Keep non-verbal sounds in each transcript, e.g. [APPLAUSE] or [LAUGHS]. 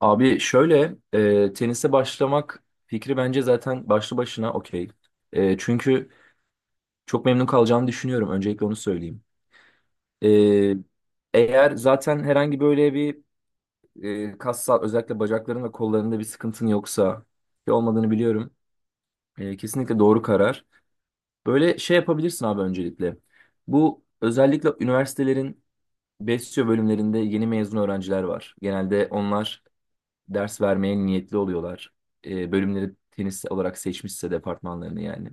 Abi şöyle tenise başlamak fikri bence zaten başlı başına okey. Çünkü çok memnun kalacağını düşünüyorum. Öncelikle onu söyleyeyim. E, eğer zaten herhangi böyle bir kas sağ özellikle bacakların ve kollarında bir sıkıntın yoksa ki olmadığını biliyorum. Kesinlikle doğru karar. Böyle şey yapabilirsin abi öncelikle. Bu özellikle üniversitelerin besyo bölümlerinde yeni mezun öğrenciler var. Genelde onlar ders vermeye niyetli oluyorlar. Bölümleri tenis olarak seçmişse departmanlarını yani.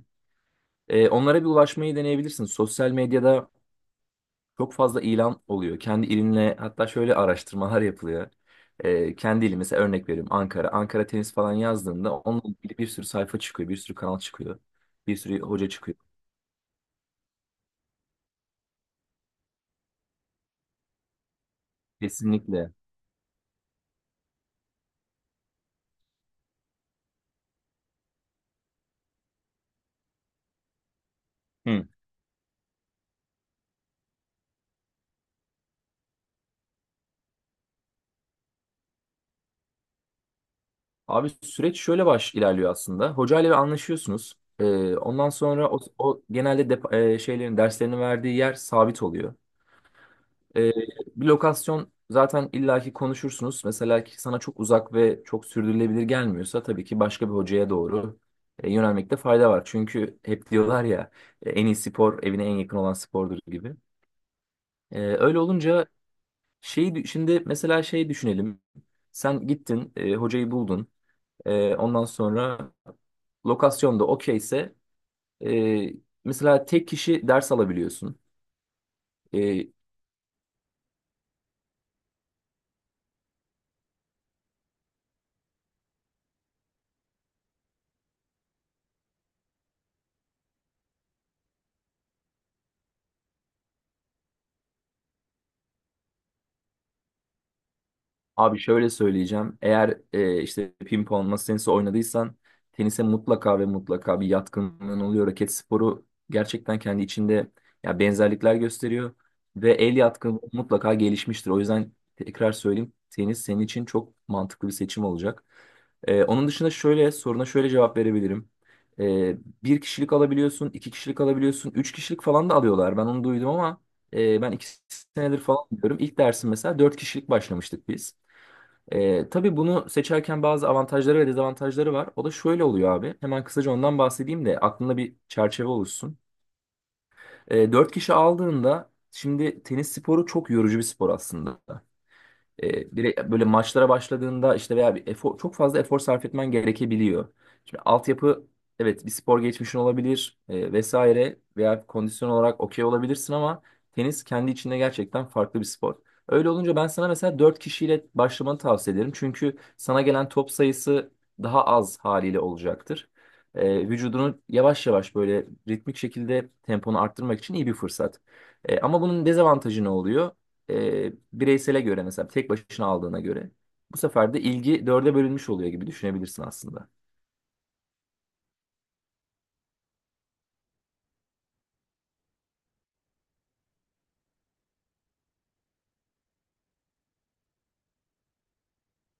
Onlara bir ulaşmayı deneyebilirsin. Sosyal medyada çok fazla ilan oluyor. Kendi ilinle hatta şöyle araştırmalar yapılıyor. Kendi ili mesela örnek veriyorum Ankara. Ankara tenis falan yazdığında onunla ilgili bir sürü sayfa çıkıyor, bir sürü kanal çıkıyor, bir sürü hoca çıkıyor. Kesinlikle. Hı. Abi süreç şöyle baş ilerliyor aslında. Hocayla bir anlaşıyorsunuz. Ondan sonra o genelde şeylerin derslerini verdiği yer sabit oluyor. Ee, bir lokasyon zaten illaki konuşursunuz. Mesela ki sana çok uzak ve çok sürdürülebilir gelmiyorsa tabii ki başka bir hocaya doğru yönelmekte fayda var. Çünkü hep diyorlar ya, en iyi spor evine en yakın olan spordur gibi. Öyle olunca şeyi şimdi mesela şey düşünelim. Sen gittin, hocayı buldun. Ondan sonra lokasyonda okeyse e, mesela tek kişi ders alabiliyorsun. Abi şöyle söyleyeceğim. Eğer işte pimpon, masa tenisi oynadıysan tenise mutlaka ve mutlaka bir yatkınlığın oluyor. Raket sporu gerçekten kendi içinde ya benzerlikler gösteriyor ve el yatkınlığı mutlaka gelişmiştir. O yüzden tekrar söyleyeyim tenis senin için çok mantıklı bir seçim olacak. Onun dışında şöyle soruna şöyle cevap verebilirim. E, bir kişilik alabiliyorsun, iki kişilik alabiliyorsun, üç kişilik falan da alıyorlar. Ben onu duydum ama ben iki senedir falan diyorum. İlk dersim mesela dört kişilik başlamıştık biz. Tabii bunu seçerken bazı avantajları ve dezavantajları var. O da şöyle oluyor abi. Hemen kısaca ondan bahsedeyim de aklında bir çerçeve oluşsun. 4 kişi aldığında şimdi tenis sporu çok yorucu bir spor aslında. Direkt böyle maçlara başladığında işte veya bir efor, çok fazla efor sarf etmen gerekebiliyor. Şimdi altyapı evet bir spor geçmişin olabilir, vesaire veya kondisyon olarak okey olabilirsin ama tenis kendi içinde gerçekten farklı bir spor. Öyle olunca ben sana mesela 4 kişiyle başlamanı tavsiye ederim. Çünkü sana gelen top sayısı daha az haliyle olacaktır. Vücudunu yavaş yavaş böyle ritmik şekilde temponu arttırmak için iyi bir fırsat. Ama bunun dezavantajı ne oluyor? Bireysele göre mesela tek başına aldığına göre bu sefer de ilgi dörde bölünmüş oluyor gibi düşünebilirsin aslında.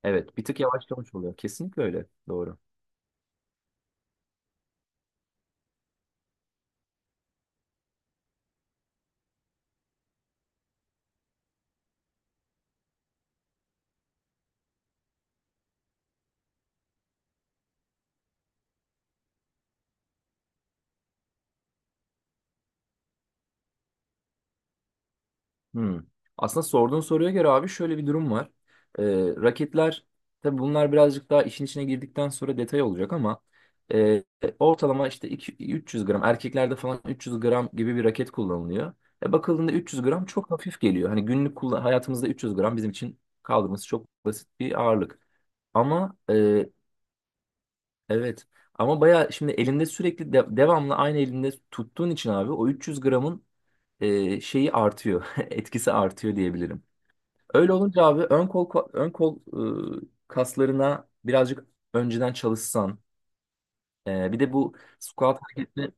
Evet, bir tık yavaşlamış oluyor. Kesinlikle öyle. Doğru. Hmm. Aslında sorduğun soruya göre abi şöyle bir durum var. Ee, raketler tabii bunlar birazcık daha işin içine girdikten sonra detay olacak ama e, ortalama işte 300 gram erkeklerde falan 300 gram gibi bir raket kullanılıyor. Bakıldığında 300 gram çok hafif geliyor. Hani günlük kullan hayatımızda 300 gram bizim için kaldırması çok basit bir ağırlık. Ama evet ama baya şimdi elinde sürekli devamlı aynı elinde tuttuğun için abi o 300 gramın şeyi artıyor [LAUGHS] etkisi artıyor diyebilirim. Öyle olunca abi ön kol kaslarına birazcık önceden çalışsan. Bir de bu squat hareketi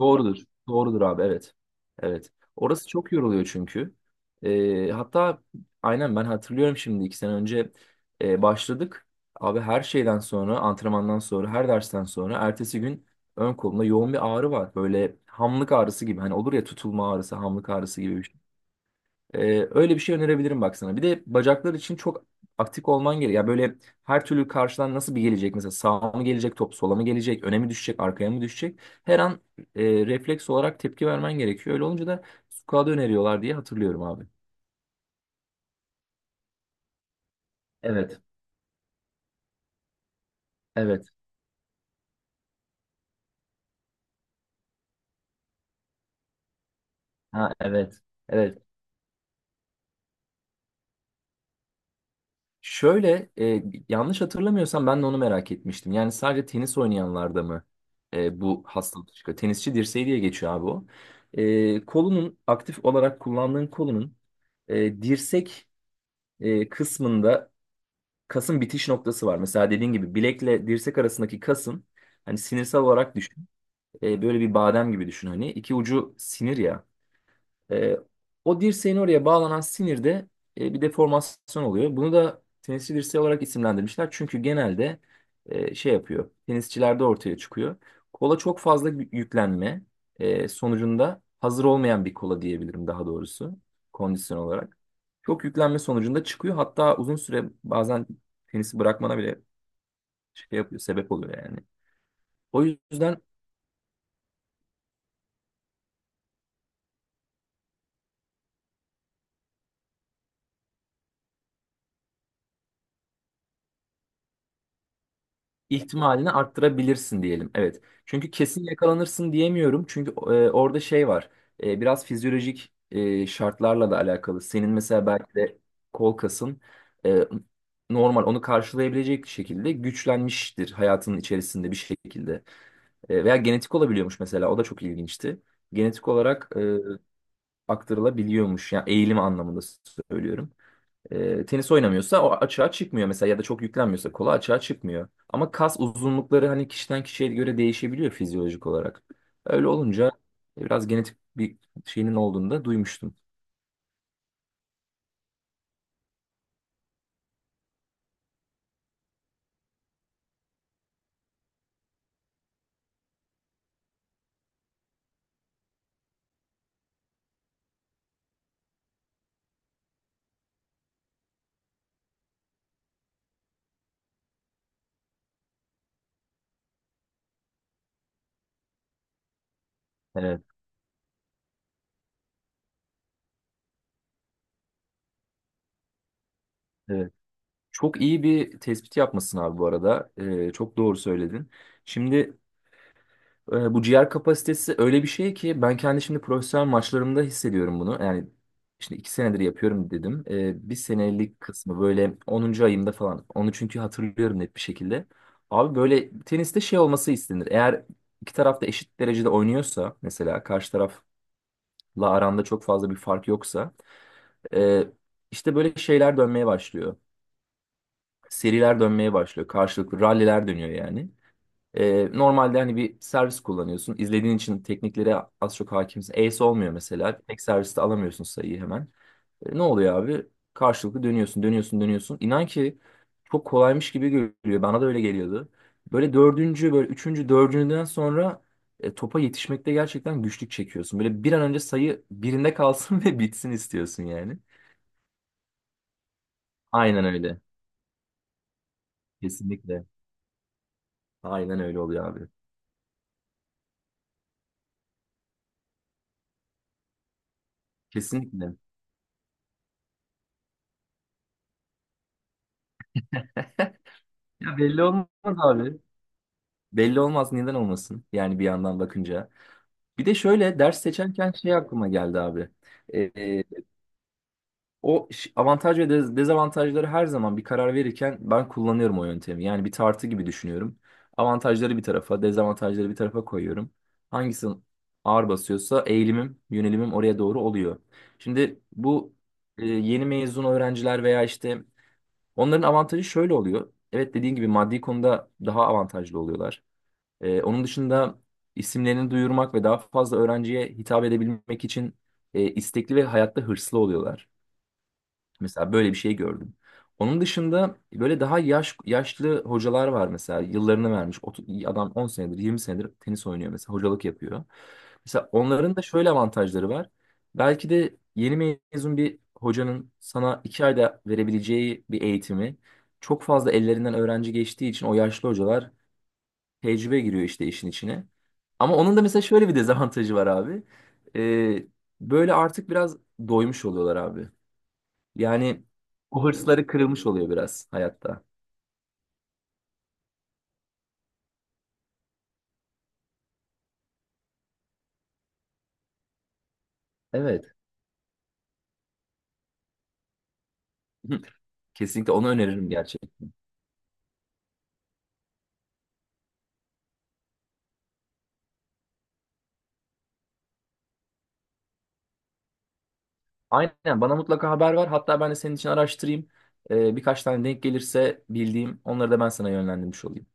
doğrudur. Doğrudur abi evet. Evet. Orası çok yoruluyor çünkü. Hatta aynen ben hatırlıyorum şimdi iki sene önce başladık. Abi her şeyden sonra antrenmandan sonra her dersten sonra ertesi gün ön kolumda yoğun bir ağrı var. Böyle hamlık ağrısı gibi. Hani olur ya tutulma ağrısı, hamlık ağrısı gibi bir şey. Öyle bir şey önerebilirim bak sana. Bir de bacaklar için çok aktif olman gerekiyor. Ya böyle her türlü karşıdan nasıl bir gelecek? Mesela sağa mı gelecek top, sola mı gelecek, öne mi düşecek, arkaya mı düşecek? Her an refleks olarak tepki vermen gerekiyor. Öyle olunca da squat'ı öneriyorlar diye hatırlıyorum abi. Evet, evet. Ha evet. Evet. Şöyle, yanlış hatırlamıyorsam ben de onu merak etmiştim. Yani sadece tenis oynayanlarda mı bu hastalık çıkıyor? Tenisçi dirseği diye geçiyor abi o. Kolunun aktif olarak kullandığın kolunun dirsek kısmında kasın bitiş noktası var. Mesela dediğin gibi bilekle dirsek arasındaki kasın hani sinirsel olarak düşün. Böyle bir badem gibi düşün hani. İki ucu sinir ya. E, o dirseğin oraya bağlanan sinirde bir deformasyon oluyor. Bunu da tenisçi dirseği olarak isimlendirmişler. Çünkü genelde şey yapıyor. Tenisçilerde ortaya çıkıyor. Kola çok fazla yüklenme sonucunda hazır olmayan bir kola diyebilirim daha doğrusu kondisyon olarak. Çok yüklenme sonucunda çıkıyor. Hatta uzun süre bazen tenisi bırakmana bile şey yapıyor, sebep oluyor yani. O yüzden ihtimalini arttırabilirsin diyelim. Evet. Çünkü kesin yakalanırsın diyemiyorum. Çünkü orada şey var. Biraz fizyolojik şartlarla da alakalı. Senin mesela belki de kol kasın e, normal onu karşılayabilecek şekilde güçlenmiştir hayatının içerisinde bir şekilde. Veya genetik olabiliyormuş mesela. O da çok ilginçti. Genetik olarak aktarılabiliyormuş. Yani eğilim anlamında söylüyorum, tenis oynamıyorsa o açığa çıkmıyor mesela ya da çok yüklenmiyorsa kola açığa çıkmıyor. Ama kas uzunlukları hani kişiden kişiye göre değişebiliyor fizyolojik olarak. Öyle olunca biraz genetik bir şeyinin olduğunu da duymuştum. Evet, evet. Çok iyi bir tespit yapmışsın abi bu arada. Çok doğru söyledin. Şimdi bu ciğer kapasitesi öyle bir şey ki ben kendi şimdi profesyonel maçlarımda hissediyorum bunu. Yani şimdi iki senedir yapıyorum dedim. Bir senelik kısmı böyle onuncu ayımda falan. Onu çünkü hatırlıyorum net bir şekilde. Abi böyle teniste şey olması istenir. Eğer iki taraf da eşit derecede oynuyorsa mesela karşı tarafla aranda çok fazla bir fark yoksa e, işte böyle şeyler dönmeye başlıyor. Seriler dönmeye başlıyor. Karşılıklı ralliler dönüyor yani. Normalde hani bir servis kullanıyorsun. İzlediğin için tekniklere az çok hakimsin. Ace olmuyor mesela. Tek serviste alamıyorsun sayıyı hemen. Ne oluyor abi? Karşılıklı dönüyorsun, dönüyorsun, dönüyorsun. İnan ki çok kolaymış gibi görünüyor. Bana da öyle geliyordu. Böyle dördüncü, böyle üçüncü, dördüncüden sonra topa yetişmekte gerçekten güçlük çekiyorsun. Böyle bir an önce sayı birinde kalsın [LAUGHS] ve bitsin istiyorsun yani. Aynen öyle. Kesinlikle. Aynen öyle oluyor abi. Kesinlikle. Ya belli olmaz abi. Belli olmaz neden olmasın yani bir yandan bakınca. Bir de şöyle ders seçerken şey aklıma geldi abi. Ee, o avantaj ve dezavantajları her zaman bir karar verirken ben kullanıyorum o yöntemi. Yani bir tartı gibi düşünüyorum. Avantajları bir tarafa, dezavantajları bir tarafa koyuyorum. Hangisi ağır basıyorsa eğilimim, yönelimim oraya doğru oluyor. Şimdi bu yeni mezun öğrenciler veya işte onların avantajı şöyle oluyor. Evet dediğin gibi maddi konuda daha avantajlı oluyorlar. Onun dışında isimlerini duyurmak ve daha fazla öğrenciye hitap edebilmek için istekli ve hayatta hırslı oluyorlar. Mesela böyle bir şey gördüm. Onun dışında böyle daha yaşlı hocalar var mesela yıllarını vermiş. Adam 10 senedir 20 senedir tenis oynuyor mesela hocalık yapıyor. Mesela onların da şöyle avantajları var. Belki de yeni mezun bir hocanın sana 2 ayda verebileceği bir eğitimi çok fazla ellerinden öğrenci geçtiği için o yaşlı hocalar tecrübe giriyor işte işin içine. Ama onun da mesela şöyle bir dezavantajı var abi. Ee, böyle artık biraz doymuş oluyorlar abi. Yani o hırsları kırılmış oluyor biraz hayatta. Evet. Hı, kesinlikle onu öneririm gerçekten. Aynen bana mutlaka haber ver. Hatta ben de senin için araştırayım. Birkaç tane denk gelirse bildiğim onları da ben sana yönlendirmiş olayım.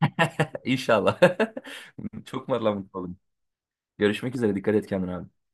[LAUGHS] İnşallah. [LAUGHS] Çok mutlu oldum. Görüşmek üzere. Dikkat et kendine abi.